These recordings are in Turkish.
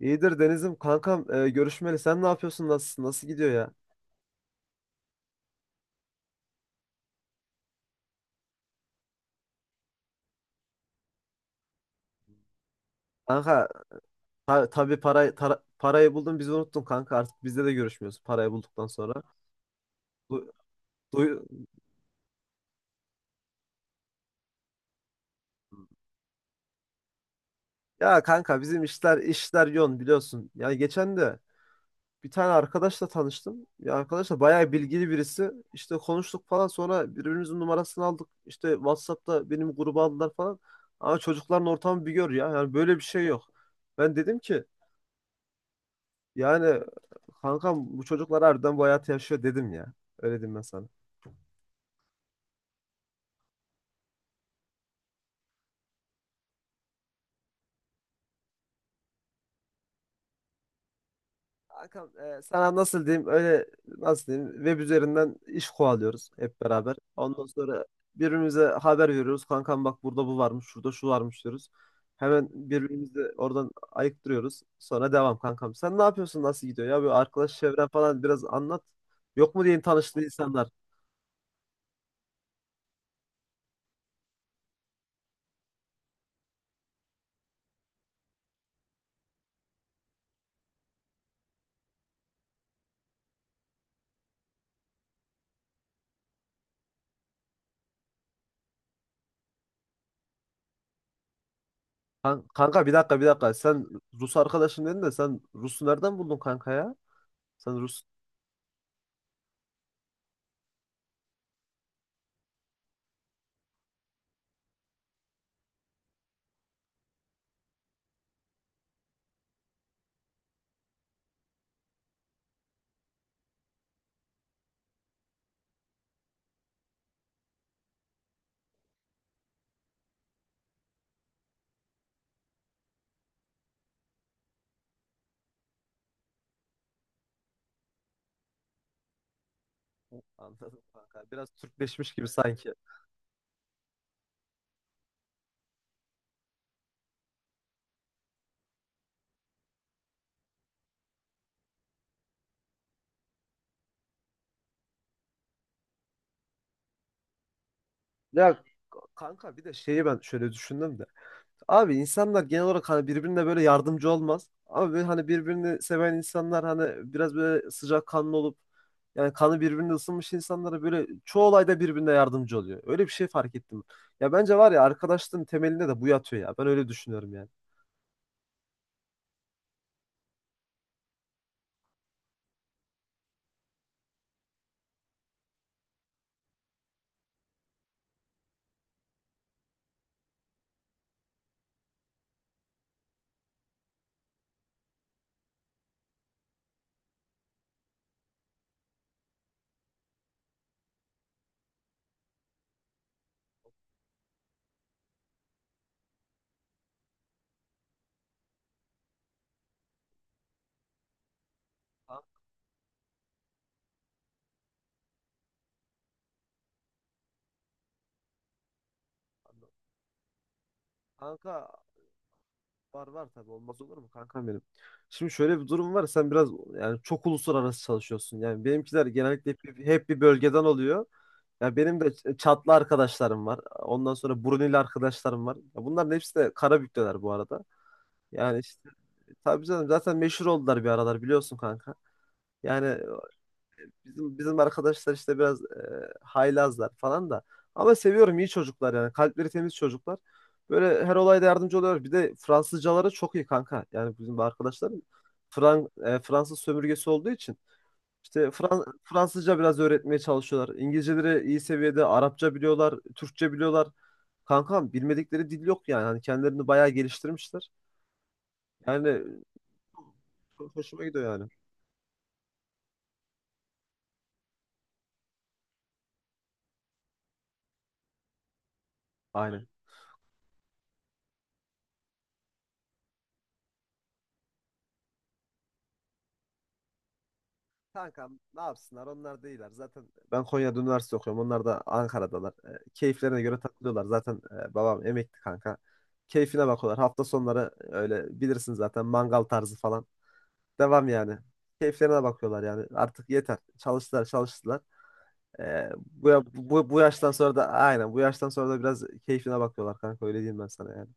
İyidir Deniz'im kankam görüşmeli. Sen ne yapıyorsun? Nasılsın? Nasıl gidiyor ya? Kanka, tabii parayı buldun, bizi unuttun kanka, artık bizde de görüşmüyorsun parayı bulduktan sonra. Du- duy- ya kanka bizim işler yoğun, biliyorsun. Yani geçen de bir tane arkadaşla tanıştım. Ya arkadaş da bayağı bilgili birisi. İşte konuştuk falan, sonra birbirimizin numarasını aldık. İşte WhatsApp'ta benim gruba aldılar falan. Ama çocukların ortamı bir gör ya. Yani böyle bir şey yok. Ben dedim ki, yani kankam, bu çocuklar harbiden bu hayatı yaşıyor, dedim ya. Öyle diyeyim ben sana. Kankam, sana nasıl diyeyim, öyle nasıl diyeyim, web üzerinden iş kovalıyoruz hep beraber. Ondan sonra birbirimize haber veriyoruz. Kankam bak, burada bu varmış, şurada şu varmış diyoruz. Hemen birbirimizi oradan ayıktırıyoruz. Sonra devam kankam. Sen ne yapıyorsun? Nasıl gidiyor ya? Bir arkadaş çevren falan biraz anlat. Yok mu diye tanıştığın insanlar? Kanka, bir dakika, bir dakika. Sen Rus arkadaşım dedin de sen Rus'u nereden buldun kanka ya? Sen Rus Anladım kanka. Biraz Türkleşmiş gibi sanki. Ya Kanka, bir de şeyi ben şöyle düşündüm de. Abi, insanlar genel olarak hani birbirine böyle yardımcı olmaz. Ama böyle hani birbirini seven insanlar, hani biraz böyle sıcakkanlı olup, yani kanı birbirine ısınmış insanlara, böyle çoğu olayda birbirine yardımcı oluyor. Öyle bir şey fark ettim. Ya bence var ya, arkadaşlığın temelinde de bu yatıyor ya. Ben öyle düşünüyorum yani. Kanka, Kanka, var, var, tabii, olmaz olur mu kankam benim. Şimdi şöyle bir durum var, sen biraz yani çok uluslararası çalışıyorsun. Yani benimkiler genellikle hep bir bölgeden oluyor. Ya benim de Çatlı arkadaşlarım var. Ondan sonra Brunei'li arkadaşlarım var. Ya bunların hepsi de Karabük'teler bu arada. Yani işte tabii canım, zaten meşhur oldular bir aralar, biliyorsun kanka. Yani bizim arkadaşlar işte biraz haylazlar falan da. Ama seviyorum, iyi çocuklar yani. Kalpleri temiz çocuklar. Böyle her olayda yardımcı oluyor. Bir de Fransızcaları çok iyi kanka. Yani bizim arkadaşlarım Fransız sömürgesi olduğu için işte Fransızca biraz öğretmeye çalışıyorlar. İngilizceleri iyi seviyede, Arapça biliyorlar, Türkçe biliyorlar. Kankam bilmedikleri dil yok yani. Hani kendilerini bayağı geliştirmişler. Yani çok hoşuma gidiyor yani. Aynen. Kankam, ne yapsınlar, onlar değiller. Zaten ben Konya'da üniversite okuyorum. Onlar da Ankara'dalar. Keyiflerine göre takılıyorlar. Zaten babam emekli kanka. Keyfine bakıyorlar. Hafta sonları öyle bilirsin zaten, mangal tarzı falan. Devam yani. Keyiflerine bakıyorlar yani. Artık yeter. Çalıştılar, çalıştılar. Bu yaştan sonra da, aynen, bu yaştan sonra da biraz keyfine bakıyorlar kanka. Öyle diyeyim ben sana yani.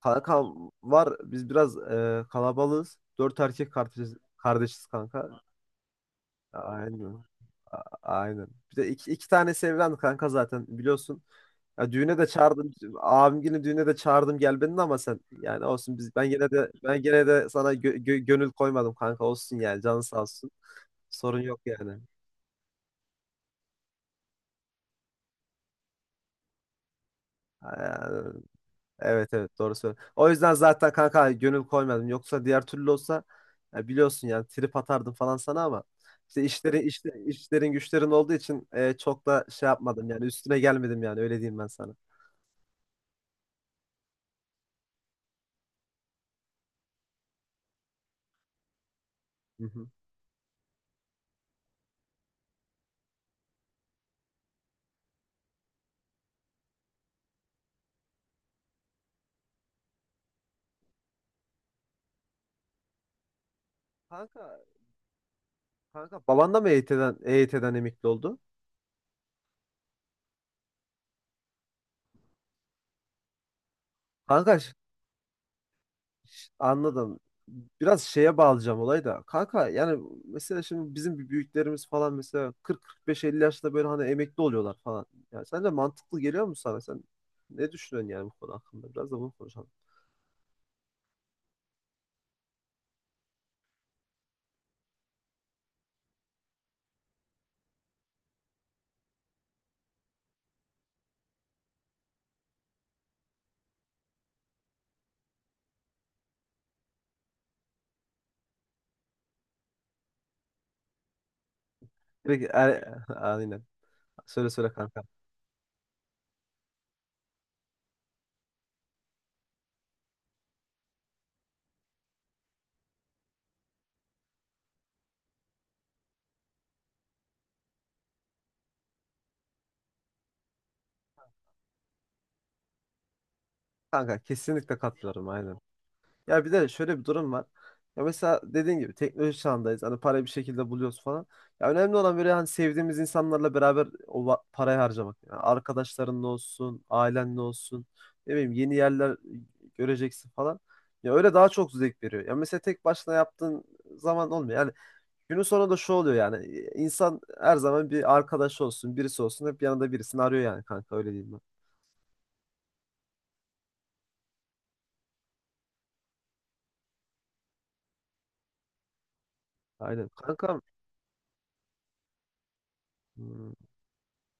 Kankam var. Biz biraz kalabalığız. Dört erkek kardeşiz kanka. Aynen. Aynen. Bir de iki tane evlendi kanka, zaten biliyorsun. Ya düğüne de çağırdım. Abim günü düğüne de çağırdım, gel beni de, ama sen yani olsun, ben gene de sana gönül koymadım kanka, olsun yani, canın sağ olsun. Sorun yok yani. Yani, evet, evet, doğru söylüyorsun. O yüzden zaten kanka gönül koymadım. Yoksa diğer türlü olsa ya, biliyorsun, yani trip atardım falan sana ama işlerin güçlerin olduğu için çok da şey yapmadım yani, üstüne gelmedim yani, öyle diyeyim ben sana. Hı hı. Kanka Kanka, baban da mı EYT'den emekli oldu? Kanka, anladım. Biraz şeye bağlayacağım olayı da. Kanka yani mesela şimdi bizim bir büyüklerimiz falan mesela 40-45-50 yaşta böyle hani emekli oluyorlar falan. Yani sence mantıklı geliyor mu sana? Sen ne düşünüyorsun yani bu konu hakkında? Biraz da bunu konuşalım. Aynen. Söyle, söyle kanka. Kanka, kesinlikle katılıyorum, aynen. Ya bir de şöyle bir durum var. Ya mesela, dediğin gibi, teknoloji çağındayız. Hani parayı bir şekilde buluyoruz falan. Ya önemli olan, böyle hani sevdiğimiz insanlarla beraber o parayı harcamak. Yani arkadaşlarınla olsun, ailenle olsun. Ne bileyim, yeni yerler göreceksin falan. Ya öyle daha çok zevk veriyor. Ya mesela tek başına yaptığın zaman olmuyor. Yani günün sonunda şu oluyor yani. İnsan her zaman bir arkadaş olsun, birisi olsun. Hep yanında birisini arıyor yani kanka, öyle diyeyim ben. Aynen. Kankam. Hmm.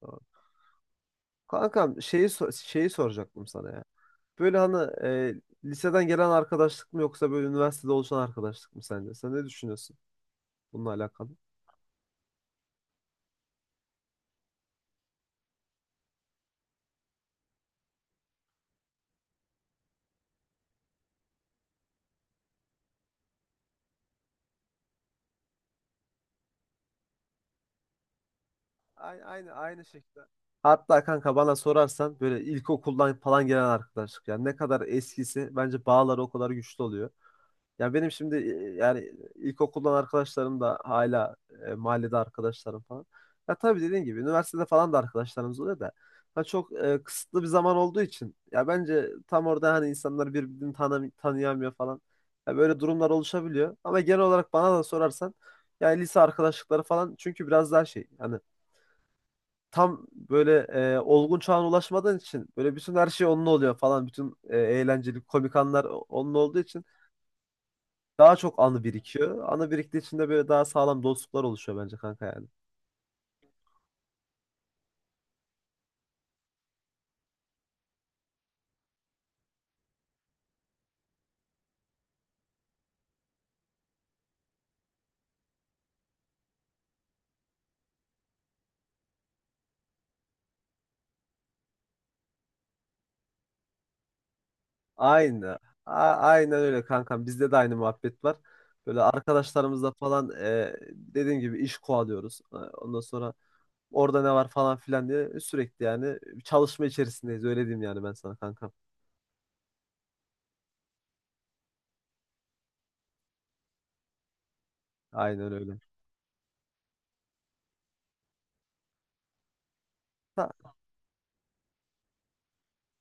Tamam. Kankam, şeyi soracaktım sana ya. Böyle hani liseden gelen arkadaşlık mı, yoksa böyle üniversitede oluşan arkadaşlık mı sence? Sen ne düşünüyorsun bununla alakalı? Aynı şekilde. Hatta kanka, bana sorarsan, böyle ilkokuldan falan gelen arkadaşlık. Yani ne kadar eskisi, bence bağları o kadar güçlü oluyor. Ya benim şimdi yani ilkokuldan arkadaşlarım da hala mahallede arkadaşlarım falan. Ya tabii dediğin gibi üniversitede falan da arkadaşlarımız oluyor da. Ha çok kısıtlı bir zaman olduğu için ya, bence tam orada hani insanlar birbirini tanıyamıyor falan. Ya böyle durumlar oluşabiliyor. Ama genel olarak bana da sorarsan yani lise arkadaşlıkları falan çünkü biraz daha şey, hani tam böyle olgun çağına ulaşmadığın için böyle bütün her şey onun oluyor falan. Bütün eğlenceli komik anlar onun olduğu için daha çok anı birikiyor. Anı biriktiği için de böyle daha sağlam dostluklar oluşuyor bence kanka yani. Aynı. Aynen öyle kankam. Bizde de aynı muhabbet var. Böyle arkadaşlarımızla falan dediğim gibi iş kovalıyoruz. Ondan sonra orada ne var falan filan diye sürekli yani çalışma içerisindeyiz. Öyle diyeyim yani ben sana kankam. Aynen öyle. Ha.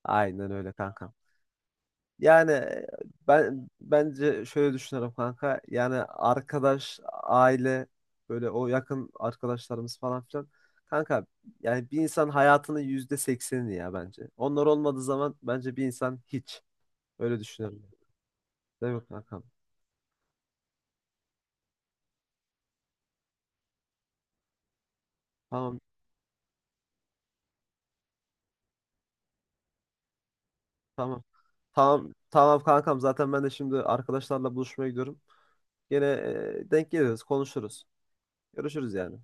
Aynen öyle kankam. Yani ben bence şöyle düşünüyorum kanka. Yani arkadaş, aile, böyle o yakın arkadaşlarımız falan filan. Kanka yani bir insan hayatının %80'ini ya, bence. Onlar olmadığı zaman bence bir insan hiç. Öyle düşünüyorum. Değil mi kankam? Tamam, tamam. Tamam, tamam kankam. Zaten ben de şimdi arkadaşlarla buluşmaya gidiyorum. Yine denk geliriz, konuşuruz. Görüşürüz yani.